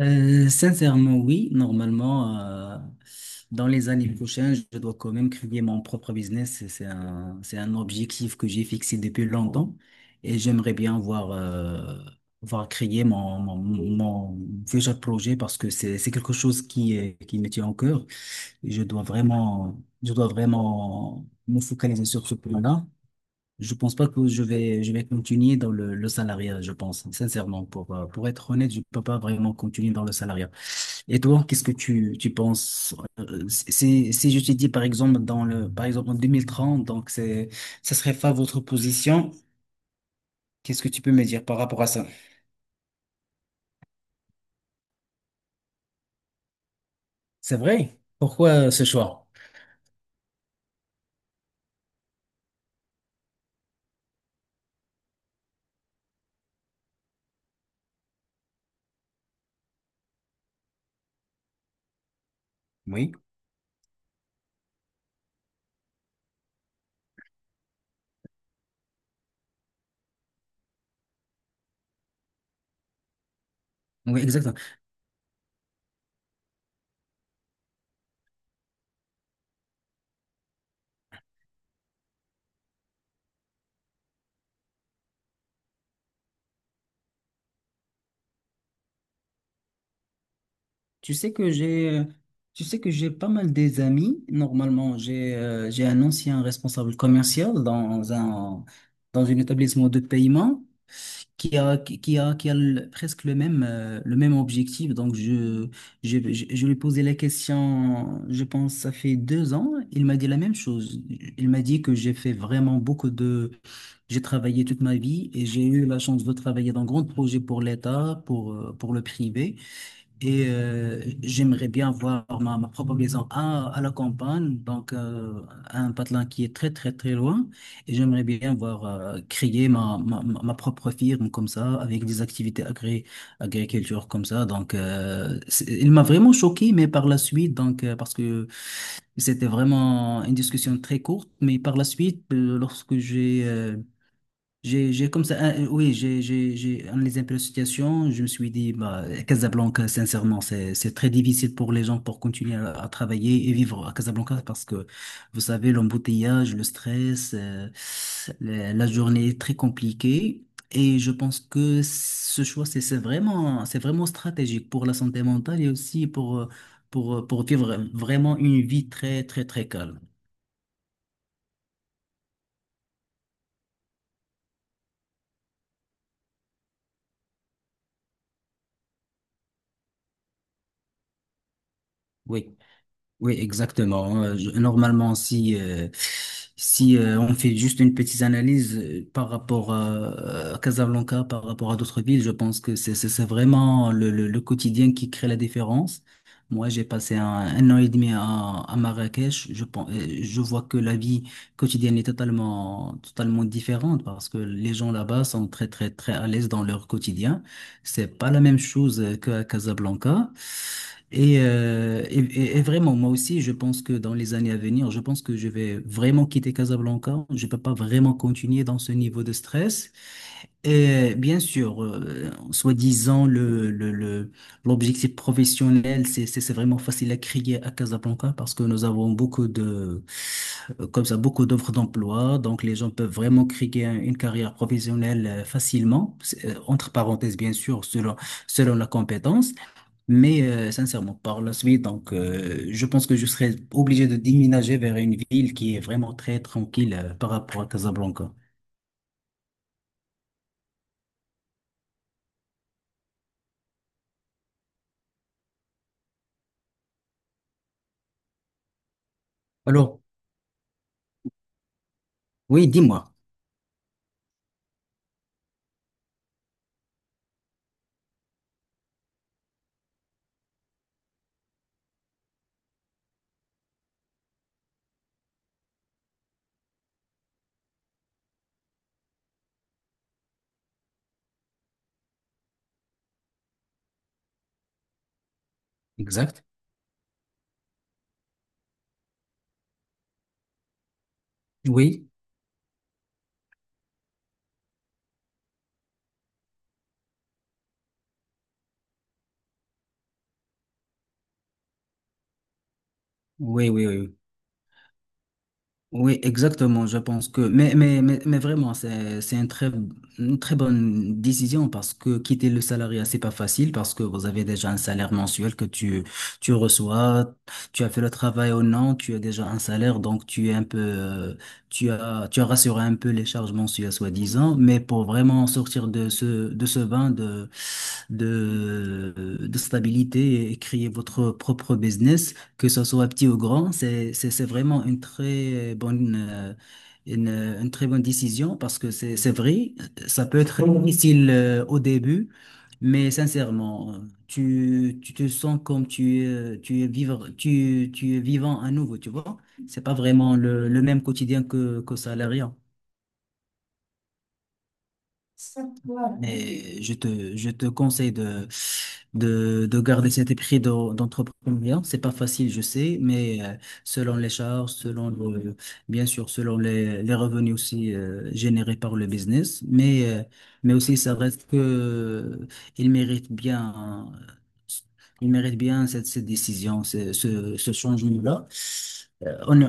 Sincèrement, oui. Normalement, dans les années prochaines, je dois quand même créer mon propre business. C'est un objectif que j'ai fixé depuis longtemps et j'aimerais bien voir créer mon futur projet parce que c'est quelque chose qui me tient au cœur. Et je dois vraiment me focaliser sur ce plan-là. Je pense pas que je vais continuer dans le salariat, je pense, sincèrement. Pour être honnête, je peux pas vraiment continuer dans le salariat. Et toi, qu'est-ce que tu penses? Si je te dis, par exemple, en 2030, donc ça serait pas votre position, qu'est-ce que tu peux me dire par rapport à ça? C'est vrai? Pourquoi ce choix? Oui, oui, exactement. Tu sais que j'ai, Tu sais que j'ai pas mal des amis. Normalement, j'ai un ancien responsable commercial dans un établissement de paiement. Presque le même objectif. Donc, je lui ai posé la question, je pense, ça fait 2 ans. Il m'a dit la même chose. Il m'a dit que j'ai fait vraiment beaucoup de… J'ai travaillé toute ma vie et j'ai eu la chance de travailler dans grands projets pour l'État, pour le privé. J'aimerais bien voir ma propre maison à la campagne, donc à un patelin qui est très très très loin. Et j'aimerais bien voir créer ma propre firme comme ça, avec des activités agriculture comme ça. Donc il m'a vraiment choqué, mais par la suite, donc parce que c'était vraiment une discussion très courte, mais par la suite, lorsque j'ai comme ça, oui, j'ai analysé un peu la situation. Je me suis dit, bah, Casablanca, sincèrement, c'est très difficile pour les gens pour continuer à travailler et vivre à Casablanca parce que, vous savez, l'embouteillage, le stress, la journée est très compliquée. Et je pense que ce choix, c'est vraiment stratégique pour la santé mentale et aussi pour vivre vraiment une vie très, très, très calme. Oui. Oui, exactement. Normalement, si, si on fait juste une petite analyse par rapport à Casablanca, par rapport à d'autres villes, je pense que c'est vraiment le quotidien qui crée la différence. Moi, j'ai passé un an et demi à Marrakech. Je pense, je vois que la vie quotidienne est totalement, totalement différente parce que les gens là-bas sont très, très, très à l'aise dans leur quotidien. C'est pas la même chose qu'à Casablanca. Et vraiment, moi aussi, je pense que dans les années à venir, je pense que je vais vraiment quitter Casablanca. Je peux pas vraiment continuer dans ce niveau de stress. Et bien sûr, soi-disant, l'objectif professionnel, c'est vraiment facile à crier à Casablanca parce que nous avons beaucoup de, comme ça, beaucoup d'offres d'emploi. Donc, les gens peuvent vraiment crier une carrière professionnelle facilement. Entre parenthèses, bien sûr, selon la compétence. Mais sincèrement, par la suite, donc, je pense que je serais obligé de déménager vers une ville qui est vraiment très tranquille par rapport à Casablanca. Alors, oui, dis-moi. Exact. Oui, oui, oui, oui. Oui, exactement, je pense que… Mais vraiment, c'est une très bonne décision parce que quitter le salariat, c'est pas facile parce que vous avez déjà un salaire mensuel que tu reçois, tu as fait le travail ou non, tu as déjà un salaire, donc tu es un peu… Tu as rassuré un peu les charges mensuelles, soi-disant, mais pour vraiment sortir de ce bain de stabilité et créer votre propre business, que ce soit petit ou grand, c'est vraiment une très bonne, une très bonne décision parce que c'est vrai, ça peut être difficile au début, mais sincèrement, tu te sens comme tu es vivre, tu es vivant à nouveau, tu vois. C'est pas vraiment le même quotidien que salariat. Et je te conseille de garder cet esprit d'entrepreneuriat. C'est pas facile, je sais, mais selon les charges, bien sûr, selon les revenus aussi générés par le business, mais aussi ça reste que il mérite bien, il mérite bien cette décision, ce changement-là. Euh, on,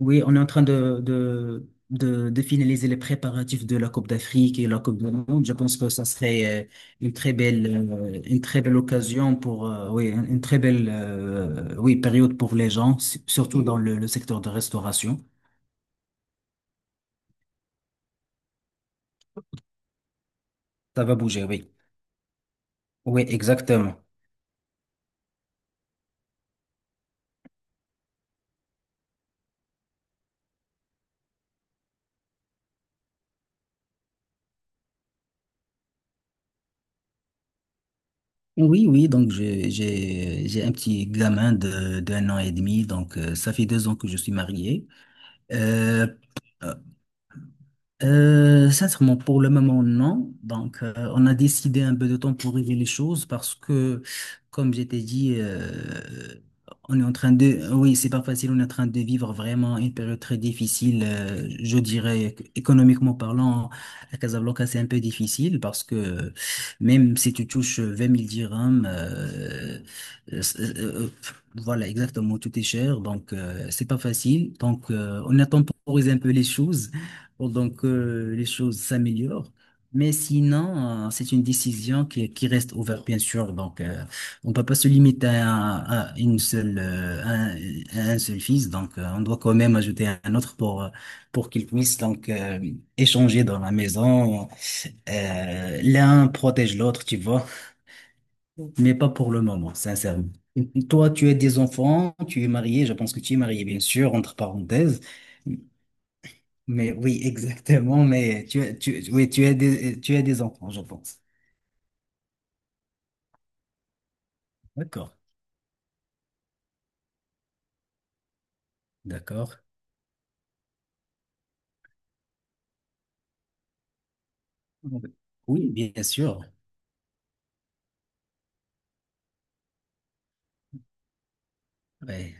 oui, on est en train de finaliser les préparatifs de la Coupe d'Afrique et la Coupe du Monde. Je pense que ça serait une très belle occasion oui, oui, période pour les gens, surtout dans le secteur de restauration. Ça va bouger, oui. Oui, exactement. Oui, oui, donc j'ai un petit gamin de d'1 an et demi, donc ça fait 2 ans que je suis marié. Euh, Sincèrement, pour le moment, non. Donc, on a décidé un peu de temps pour régler les choses parce que, comme je t'ai dit, on est en train de, oui, c'est pas facile, on est en train de vivre vraiment une période très difficile. Je dirais que, économiquement parlant, à Casablanca, c'est un peu difficile parce que même si tu touches 20 000 dirhams, euh, euh, voilà, exactement, tout est cher. Donc, c'est pas facile. Donc, on a temporisé un peu les choses pendant que les choses s'améliorent. Mais sinon, c'est une décision qui reste ouverte, bien sûr. Donc, on ne peut pas se limiter à une seule, à un seul fils. Donc, on doit quand même ajouter un autre pour qu'il puisse donc échanger dans la maison. L'un protège l'autre, tu vois. Mais pas pour le moment, sincèrement. Toi, tu as des enfants, tu es marié. Je pense que tu es marié, bien sûr, entre parenthèses. Mais oui, exactement. Mais oui, tu as des enfants, je pense. D'accord, d'accord. Oui, bien sûr. Ouais.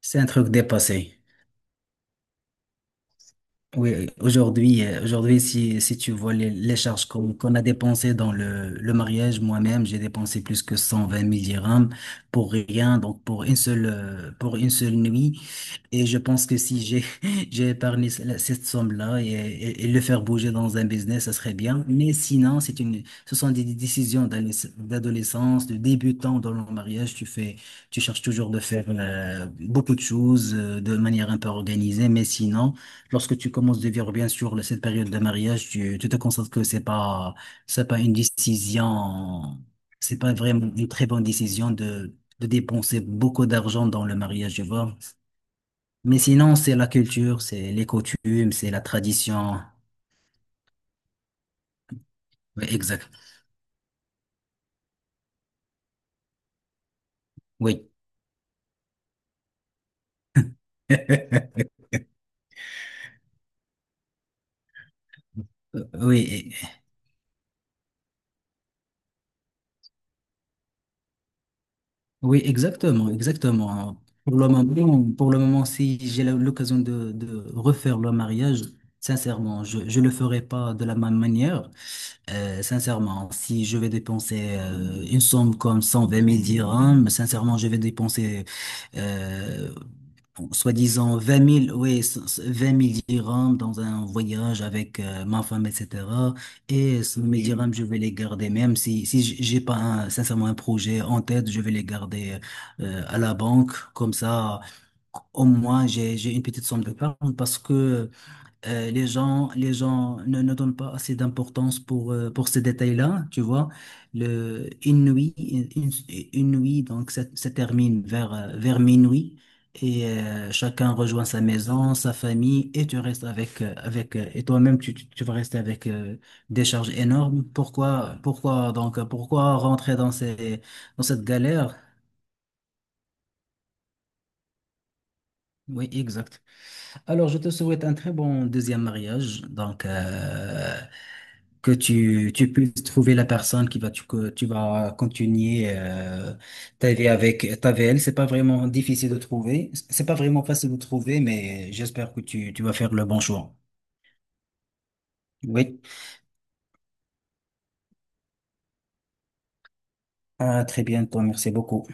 C'est un truc dépassé. Oui, aujourd'hui, si tu vois les charges qu'on a dépensées dans le mariage, moi-même, j'ai dépensé plus que 120 000 dirhams pour rien, donc pour une seule nuit. Et je pense que si j'ai, j'ai épargné cette somme-là et le faire bouger dans un business, ça serait bien. Mais sinon, ce sont des décisions d'adolescence, de débutant dans le mariage. Tu cherches toujours de faire beaucoup de choses de manière un peu organisée, mais sinon, lorsque tu commences de vivre, bien sûr, cette période de mariage, tu te constates que c'est pas une décision, c'est pas vraiment une très bonne décision de dépenser beaucoup d'argent dans le mariage, tu vois. Mais sinon, c'est la culture, c'est les coutumes, c'est la tradition. Oui, exact. Oui. Oui, oui, exactement, exactement. Pour le moment, si j'ai l'occasion de refaire le mariage, sincèrement, je le ferai pas de la même manière. Sincèrement, si je vais dépenser une somme comme 120 000 dirhams, sincèrement, je vais dépenser, euh, bon, soi-disant, 20 000 oui, 20 000 dirhams dans un voyage avec ma femme, etc. Mes dirhams, je vais les garder, même si j'ai pas, sincèrement, un projet en tête, je vais les garder à la banque. Comme ça, au moins, j'ai une petite somme de d'épargne parce que les gens ne donnent pas assez d'importance pour ces détails-là, tu vois. Le, une nuit, une, une nuit, donc ça termine vers minuit et chacun rejoint sa maison, sa famille et tu restes avec, avec et toi-même tu vas rester avec des charges énormes. Pourquoi rentrer dans cette galère? Oui, exact. Alors, je te souhaite un très bon deuxième mariage. Donc, que tu puisses trouver la personne que tu vas continuer ta vie avec, ta vie elle. C'est pas vraiment difficile de trouver. C'est pas vraiment facile de trouver, mais j'espère que tu vas faire le bon choix. Oui. À très bientôt. Merci beaucoup.